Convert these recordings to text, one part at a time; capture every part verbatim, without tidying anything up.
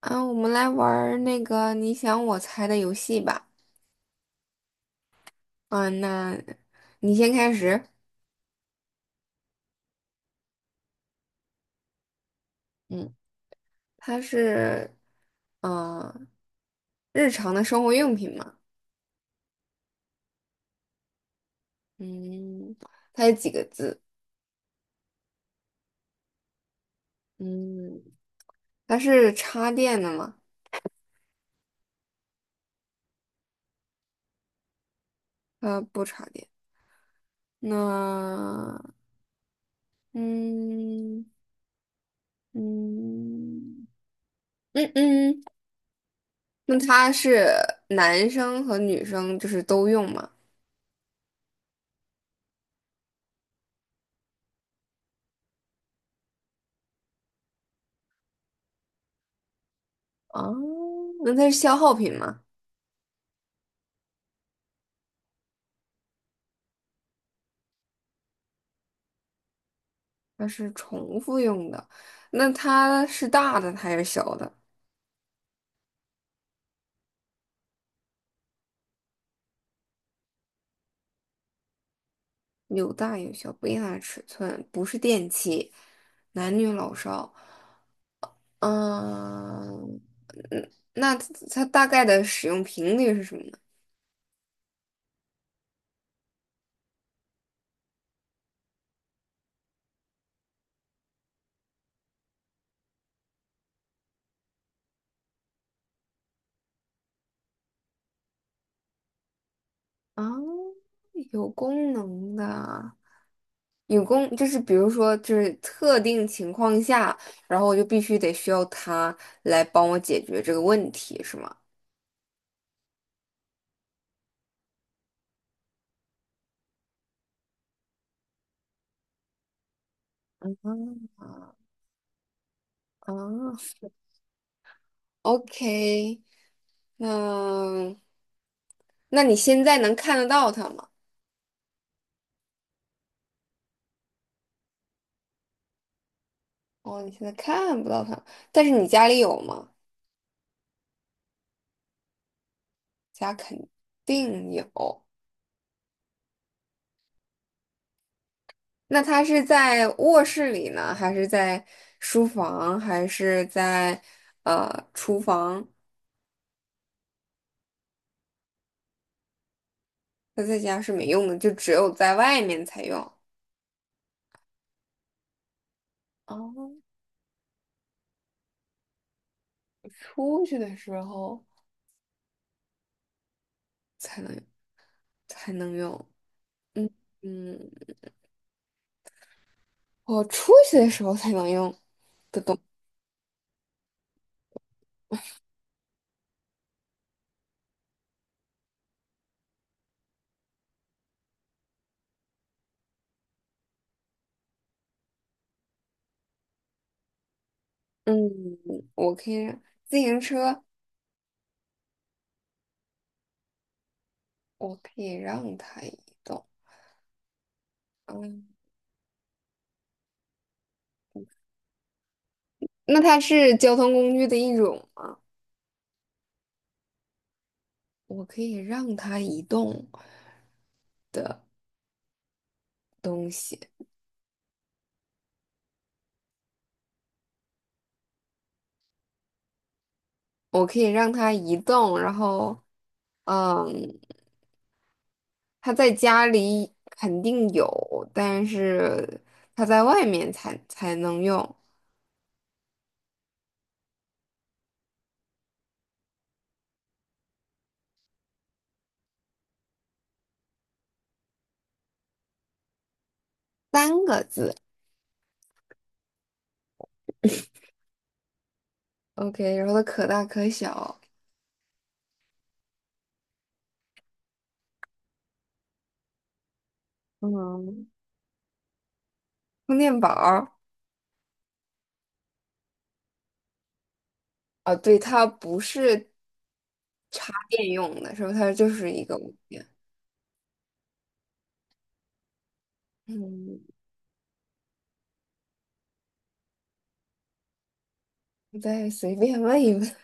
啊，我们来玩儿那个你想我猜的游戏吧。嗯，那你先开始。嗯，它是，呃，日常的生活用品嘛。嗯，它有几个字？嗯，它是插电的吗？它不插电。那，嗯嗯嗯嗯，那它是男生和女生就是都用吗？啊，那它是消耗品吗？它是重复用的，那它是大的还是小的？有大有小，不一样的尺寸，不是电器，男女老少。嗯嗯，那它它大概的使用频率是什么呢？啊，有功能的，有功就是比如说就是特定情况下，然后我就必须得需要它来帮我解决这个问题，是吗？啊，OK。嗯，那你现在能看得到它吗？哦，你现在看不到它，但是你家里有吗？家肯定有。那它是在卧室里呢，还是在书房，还是在呃厨房？它在家是没用的，就只有在外面才用。哦，出去的时候才能才能用。嗯嗯，我出去的时候才能用的东。嗯，我可以让自行车。我可以让它移动。嗯，那它是交通工具的一种吗？我可以让它移动东西，我可以让它移动，然后，嗯，它在家里肯定有，但是它在外面才才能用。三个字，OK，然后它可大可小，嗯，充电宝儿，啊，对，它不是插电用的，是吧？它就是一个物件。嗯，我再随便问一问。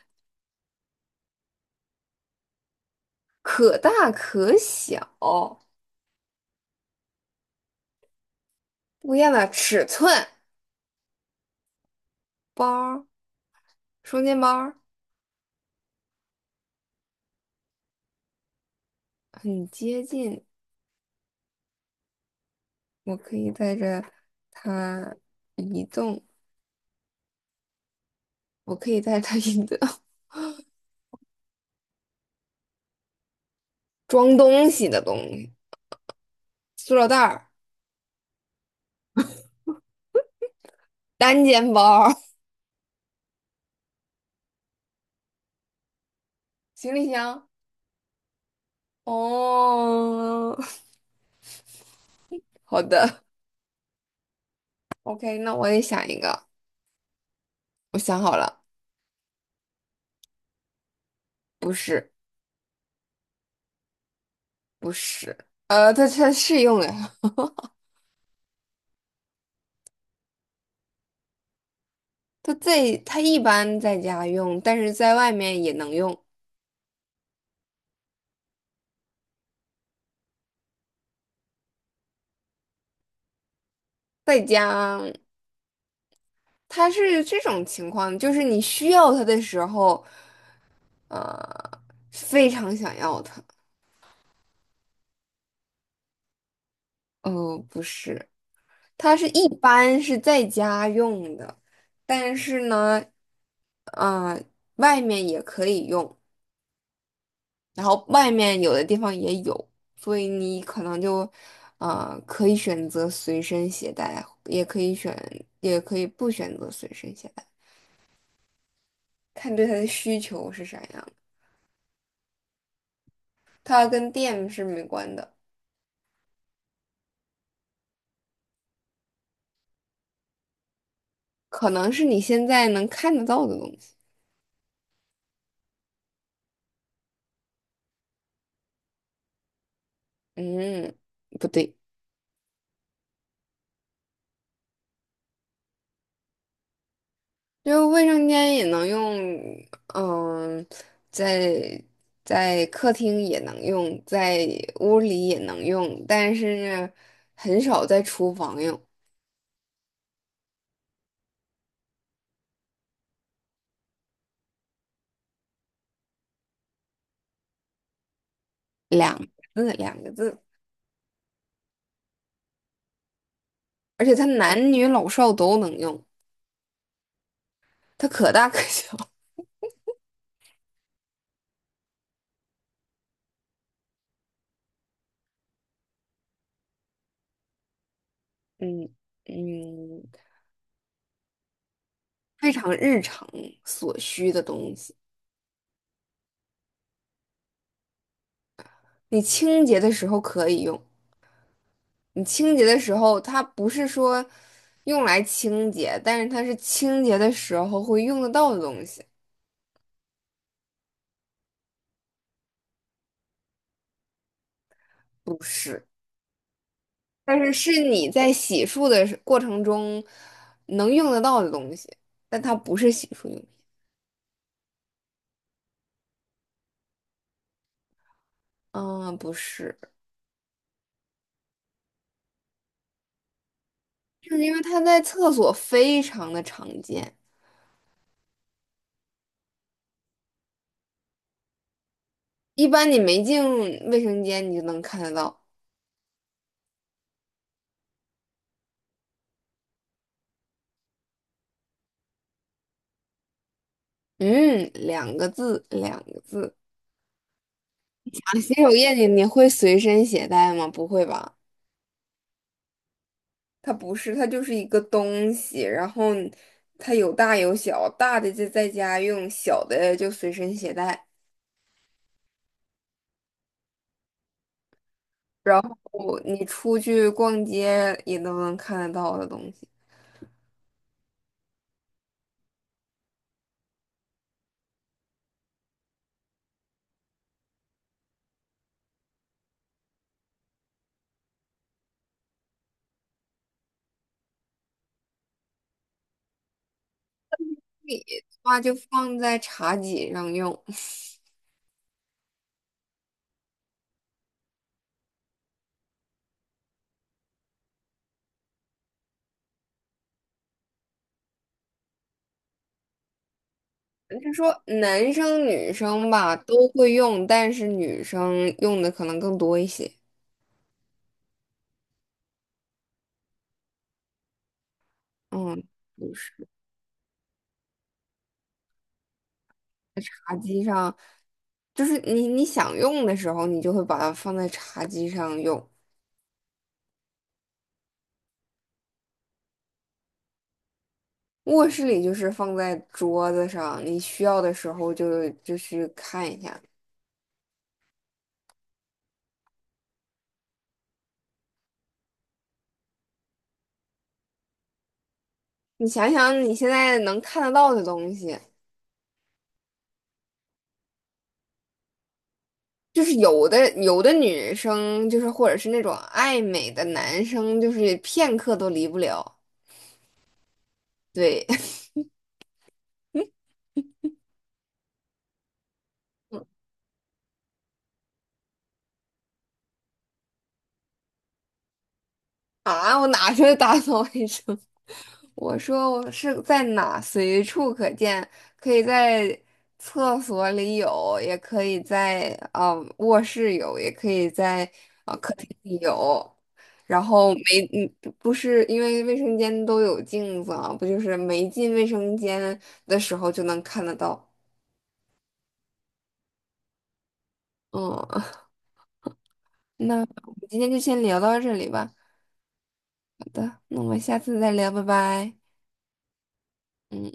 可大可小，不一样的尺寸，包儿，双肩包儿，很接近。我可以带着它移动，我可以带着它移动，装东西的东西，塑料袋儿，单肩包儿，行李箱。哦，好的，OK，那我也想一个，我想好了，不是，不是，呃，它它是用的，它在它一般在家用，但是在外面也能用。在家，它是这种情况，就是你需要它的时候，呃，非常想要它。呃，不是，它是一般是在家用的，但是呢，呃，外面也可以用，然后外面有的地方也有，所以你可能就，呃，可以选择随身携带，也可以选，也可以不选择随身携带，看对它的需求是啥样。它跟电是没关的，可能是你现在能看得到的东西。嗯，不对，就卫生间也能用，嗯，在在客厅也能用，在屋里也能用，但是呢很少在厨房用。两个字，两个字，而且它男女老少都能用，它可大可小。嗯嗯，非常日常所需的东西，你清洁的时候可以用。你清洁的时候，它不是说用来清洁，但是它是清洁的时候会用得到的东西，不是，但是是你在洗漱的时过程中能用得到的东西，但它不是洗漱用品。啊，不是，就是因为它在厕所非常的常见，一般你没进卫生间你就能看得到。嗯，两个字，两个字。啊洗手液你你会随身携带吗？不会吧？它不是，它就是一个东西，然后你它有大有小，大的就在家用，小的就随身携带，然后你出去逛街也都能看得到的东西。你的话就放在茶几上用。就说男生女生吧都会用，但是女生用的可能更多一些。嗯，就是茶几上，就是你你想用的时候，你就会把它放在茶几上用。卧室里就是放在桌子上，你需要的时候就就去看一下。你想想你现在能看得到的东西，就是有的有的女生就是或者是那种爱美的男生，就是片刻都离不了。对 啊，我哪是打扫卫生？我说我是在哪随处可见，可以在厕所里有，也可以在呃卧室有，也可以在呃客厅里有。然后没嗯不不是因为卫生间都有镜子啊，不就是没进卫生间的时候就能看得到。嗯，那我们今天就先聊到这里吧。好的，那我们下次再聊，拜拜。嗯。